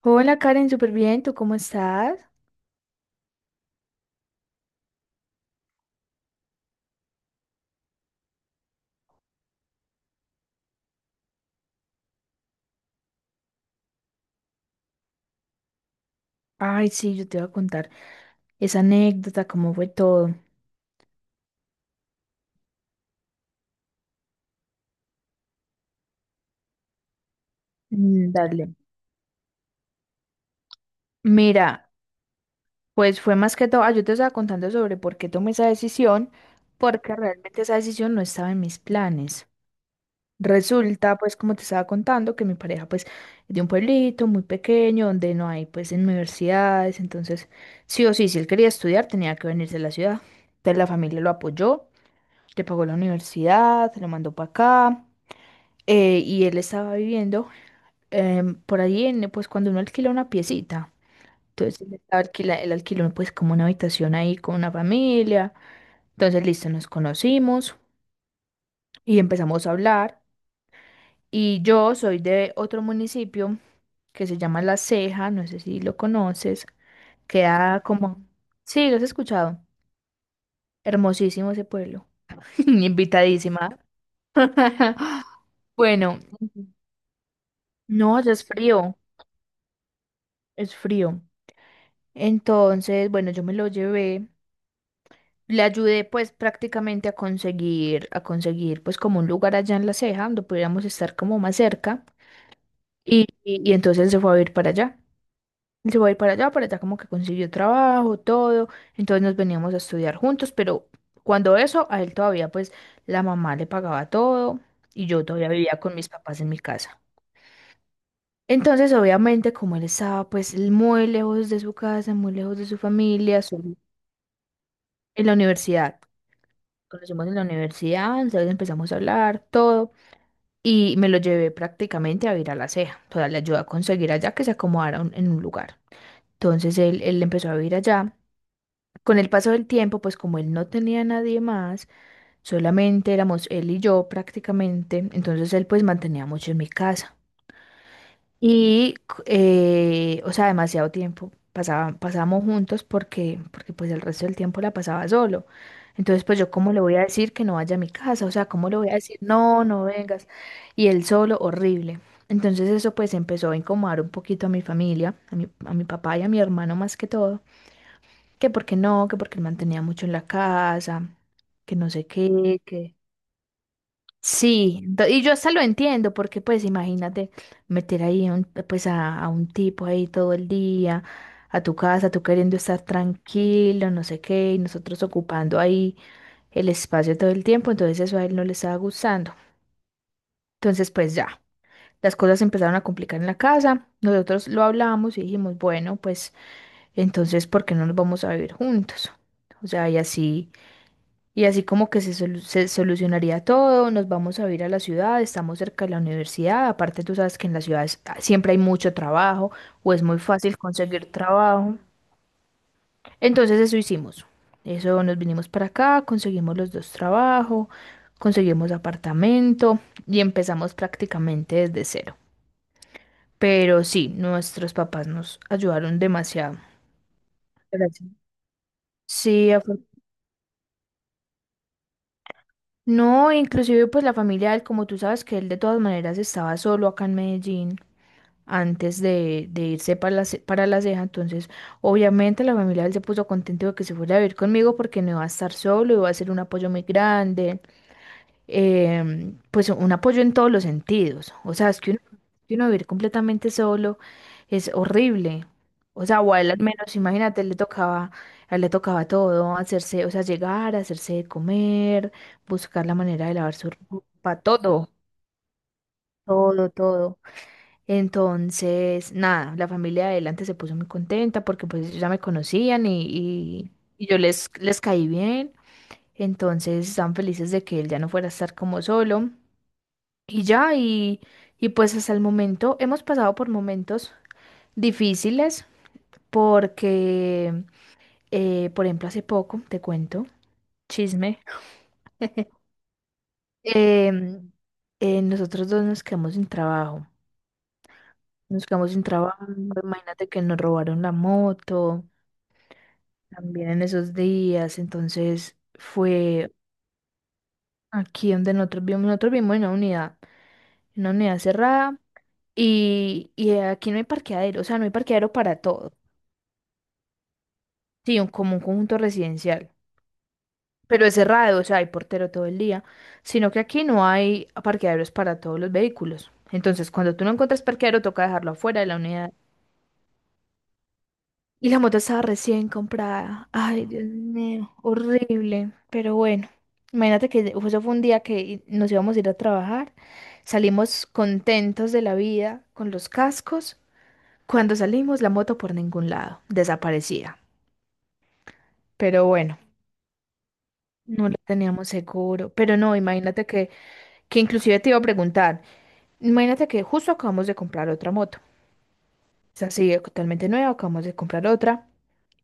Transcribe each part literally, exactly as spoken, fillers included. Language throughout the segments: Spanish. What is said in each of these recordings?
Hola Karen, súper bien, ¿tú cómo estás? Ay, sí, yo te voy a contar esa anécdota, cómo fue todo. Mm, dale. Mira, pues fue más que todo, ah, yo te estaba contando sobre por qué tomé esa decisión, porque realmente esa decisión no estaba en mis planes. Resulta, pues, como te estaba contando, que mi pareja, pues, es de un pueblito muy pequeño, donde no hay, pues, universidades, entonces, sí o sí, si él quería estudiar, tenía que venirse a la ciudad. Entonces la familia lo apoyó, le pagó la universidad, se lo mandó para acá. Eh, y él estaba viviendo em, por ahí, en, pues cuando uno alquila una piecita. Entonces él, estaba alquila- él alquiló pues como una habitación ahí con una familia. Entonces, listo, nos conocimos y empezamos a hablar. Y yo soy de otro municipio que se llama La Ceja, no sé si lo conoces. Queda como... Sí, lo has escuchado. Hermosísimo ese pueblo. Invitadísima. Bueno, no, ya es frío, es frío. Entonces, bueno, yo me lo llevé. Le ayudé pues prácticamente a conseguir, a conseguir pues como un lugar allá en La Ceja donde pudiéramos estar como más cerca y, y, y entonces él se fue a ir para allá. Él se fue a ir para allá, para allá como que consiguió trabajo, todo. Entonces nos veníamos a estudiar juntos, pero cuando eso, a él todavía pues la mamá le pagaba todo y yo todavía vivía con mis papás en mi casa. Entonces obviamente como él estaba pues muy lejos de su casa, muy lejos de su familia, solo en la universidad. Conocimos en la universidad, entonces empezamos a hablar, todo, y me lo llevé prácticamente a vivir a La Ceja. O sea, le ayudé a conseguir allá que se acomodara un- en un lugar. Entonces él, él empezó a vivir allá. Con el paso del tiempo, pues como él no tenía nadie más, solamente éramos él y yo prácticamente, entonces él pues mantenía mucho en mi casa. Y, eh, o sea, demasiado tiempo pasaba- pasamos juntos porque, porque pues el resto del tiempo la pasaba solo. Entonces, pues yo cómo le voy a decir que no vaya a mi casa, o sea, cómo le voy a decir, no, no vengas. Y él solo, horrible. Entonces eso pues empezó a incomodar un poquito a mi familia, a mi, a mi papá y a mi hermano más que todo, que porque no, que porque él mantenía mucho en la casa, que no sé qué, que... Sí, do- y yo hasta lo entiendo, porque pues imagínate meter ahí un- pues a, a un tipo ahí todo el día, a tu casa, tú queriendo estar tranquilo, no sé qué, y nosotros ocupando ahí el espacio todo el tiempo, entonces eso a él no le estaba gustando. Entonces pues ya, las cosas se empezaron a complicar en la casa, nosotros lo hablamos y dijimos, bueno, pues entonces, ¿por qué no nos vamos a vivir juntos? O sea, y así. Y así como que se, solu- se solucionaría todo, nos vamos a ir a la ciudad, estamos cerca de la universidad, aparte tú sabes que en las ciudades ah, siempre hay mucho trabajo o es muy fácil conseguir trabajo. Entonces eso hicimos. Eso nos vinimos para acá, conseguimos los dos trabajos, conseguimos apartamento y empezamos prácticamente desde cero. Pero sí, nuestros papás nos ayudaron demasiado. Gracias. Sí, no, inclusive pues la familia de él, como tú sabes que él de todas maneras estaba solo acá en Medellín antes de, de irse para la, Ce- para La Ceja, entonces obviamente la familia de él se puso contento de que se fuera a vivir conmigo porque no iba a estar solo, iba a ser un apoyo muy grande, em, pues un apoyo en todos los sentidos. O sea, es que uno, que uno vivir completamente solo es horrible. O sea, o a él al menos, imagínate, le tocaba, a él le tocaba todo, hacerse, o sea, llegar, hacerse de comer, buscar la manera de lavar su ropa, todo, todo, todo. Entonces, nada, la familia de él antes se puso muy contenta porque pues ellos ya me conocían y, y, y yo les, les caí bien. Entonces, estaban felices de que él ya no fuera a estar como solo. Y ya, y, y pues hasta el momento hemos pasado por momentos difíciles porque, eh, por ejemplo, hace poco, te cuento, chisme, em, eh, nosotros dos nos quedamos sin trabajo. Nos quedamos sin trabajo, imagínate que nos robaron la moto también en esos días, entonces fue aquí donde nosotros vivimos nosotros vivimos en una unidad, en una unidad cerrada y, y aquí no hay parqueadero, o sea, no hay parqueadero para todo. Sí, un, como un conjunto residencial, pero es cerrado, o sea, hay portero todo el día, sino que aquí no hay parqueaderos para todos los vehículos. Entonces, cuando tú no encuentras parqueadero, toca dejarlo afuera de la unidad. Y la moto estaba recién comprada. Ay, Dios mío, horrible. Pero bueno, imagínate que eso fue un día que nos íbamos a ir a trabajar, salimos contentos de la vida con los cascos. Cuando salimos, la moto por ningún lado, desaparecida. Pero bueno, no lo teníamos seguro. Pero no, imagínate que Que inclusive te iba a preguntar, imagínate que justo acabamos de comprar otra moto. Es así, eh, totalmente nueva, acabamos de comprar otra.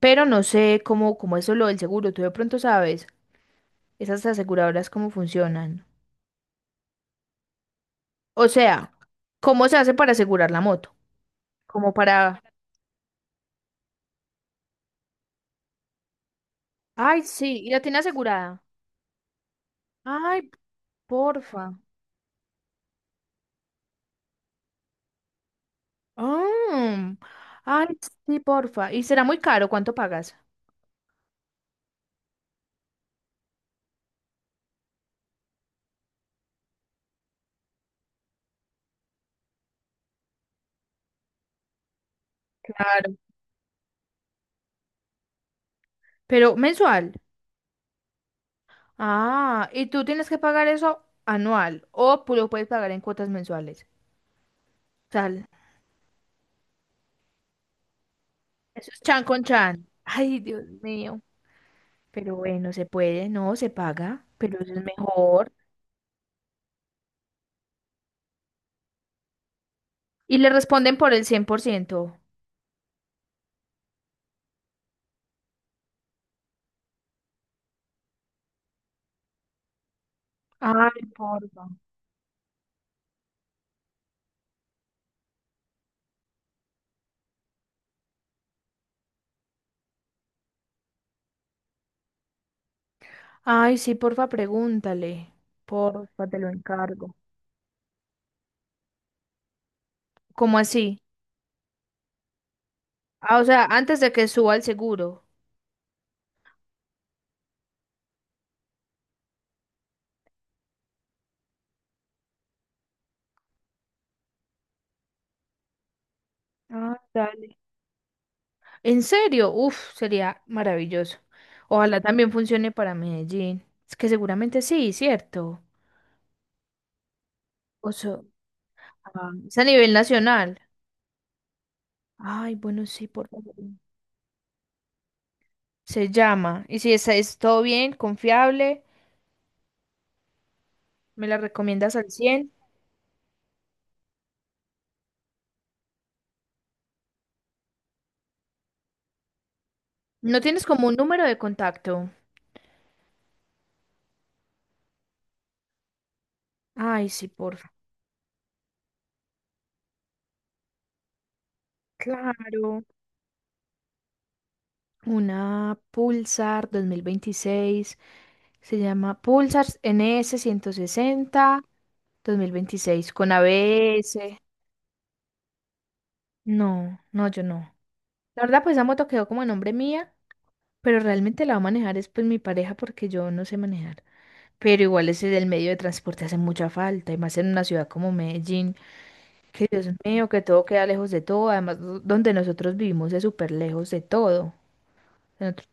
Pero no sé cómo, cómo es lo del seguro. Tú de pronto sabes esas aseguradoras cómo funcionan. O sea, ¿cómo se hace para asegurar la moto? Como para... Ay, sí, y la tiene asegurada. Ay, porfa. Ah, ay, sí, porfa. ¿Y será muy caro? ¿Cuánto pagas? Claro. Pero mensual. Ah, ¿y tú tienes que pagar eso anual o pu- lo puedes pagar en cuotas mensuales? O sea, eso es chan con chan. Ay, Dios mío. Pero bueno, se puede, no, se paga, pero eso es mejor. ¿Y le responden por el cien por ciento? Ay, porfa. Ay, sí, porfa, pregúntale. Porfa, te lo encargo. ¿Cómo así? Ah, o sea, antes de que suba el seguro. Ah, dale. ¿En serio? Uf, sería maravilloso. Ojalá también funcione para Medellín. Es que seguramente sí, ¿cierto? O sea, ah, es a nivel nacional. Ay, bueno, sí, por favor. Se llama. Y si es, es todo bien, confiable, me la recomiendas al cien. ¿No tienes como un número de contacto? Ay, sí, por. Claro. Una Pulsar dos mil veintiséis. Se llama Pulsar N S mil veintiséis con A B S. No, no, yo no. La verdad, pues esa moto quedó como a nombre mía, pero realmente la va a manejar es pues mi pareja porque yo no sé manejar. Pero igual ese del medio de transporte hace mucha falta, y más en una ciudad como Medellín, que Dios mío, que todo queda lejos de todo. Además, do- donde nosotros vivimos es súper lejos de todo. De nosotros-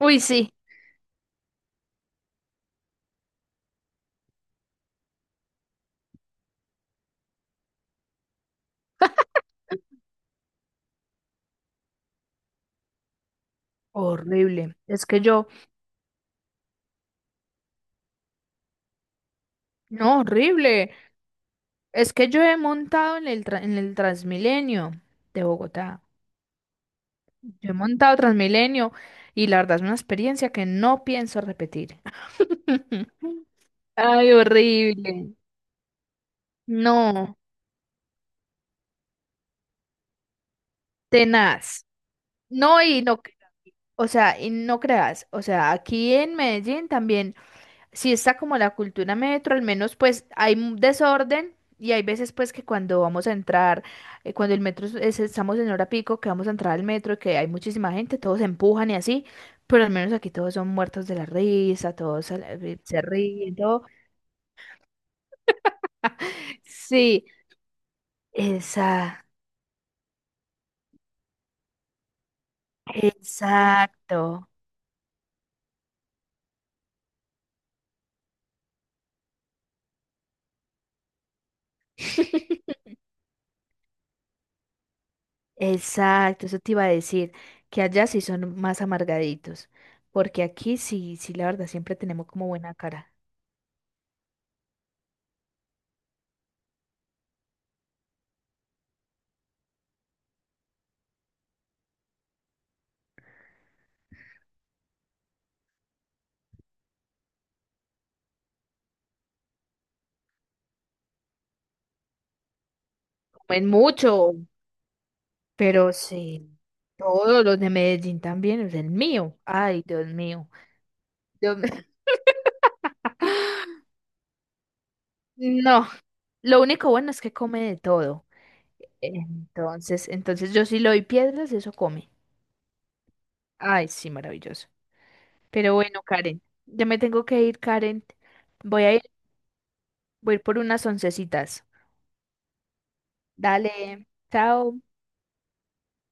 Uy, sí. Horrible. Es que yo, no, horrible. Es que yo he montado en el, tra- en el Transmilenio de Bogotá. Yo he montado Transmilenio y la verdad es una experiencia que no pienso repetir. Ay, horrible. No, tenaz. No, y no, o sea, y no creas, o sea, aquí en Medellín también. Sí, está como la cultura metro, al menos pues hay un desorden y hay veces pues que cuando vamos a entrar, eh, cuando el metro es- es- estamos en hora pico, que vamos a entrar al metro, que hay muchísima gente, todos se empujan y así, pero al menos aquí todos son muertos de la risa, todos se, la- eh, se ríen, todo. Sí, esa, exacto, exacto, eso te iba a decir, que allá sí son más amargaditos, porque aquí sí, sí, la verdad, siempre tenemos como buena cara. Comen mucho. Pero sí, todos los de Medellín también, es el mío. Ay, Dios mío. Dios mío. No, lo único bueno es que come de todo. Entonces, entonces yo sí le doy piedras, eso come. Ay, sí, maravilloso. Pero bueno, Karen, ya me tengo que ir, Karen. Voy a ir, voy a ir por unas oncecitas. Dale, chao.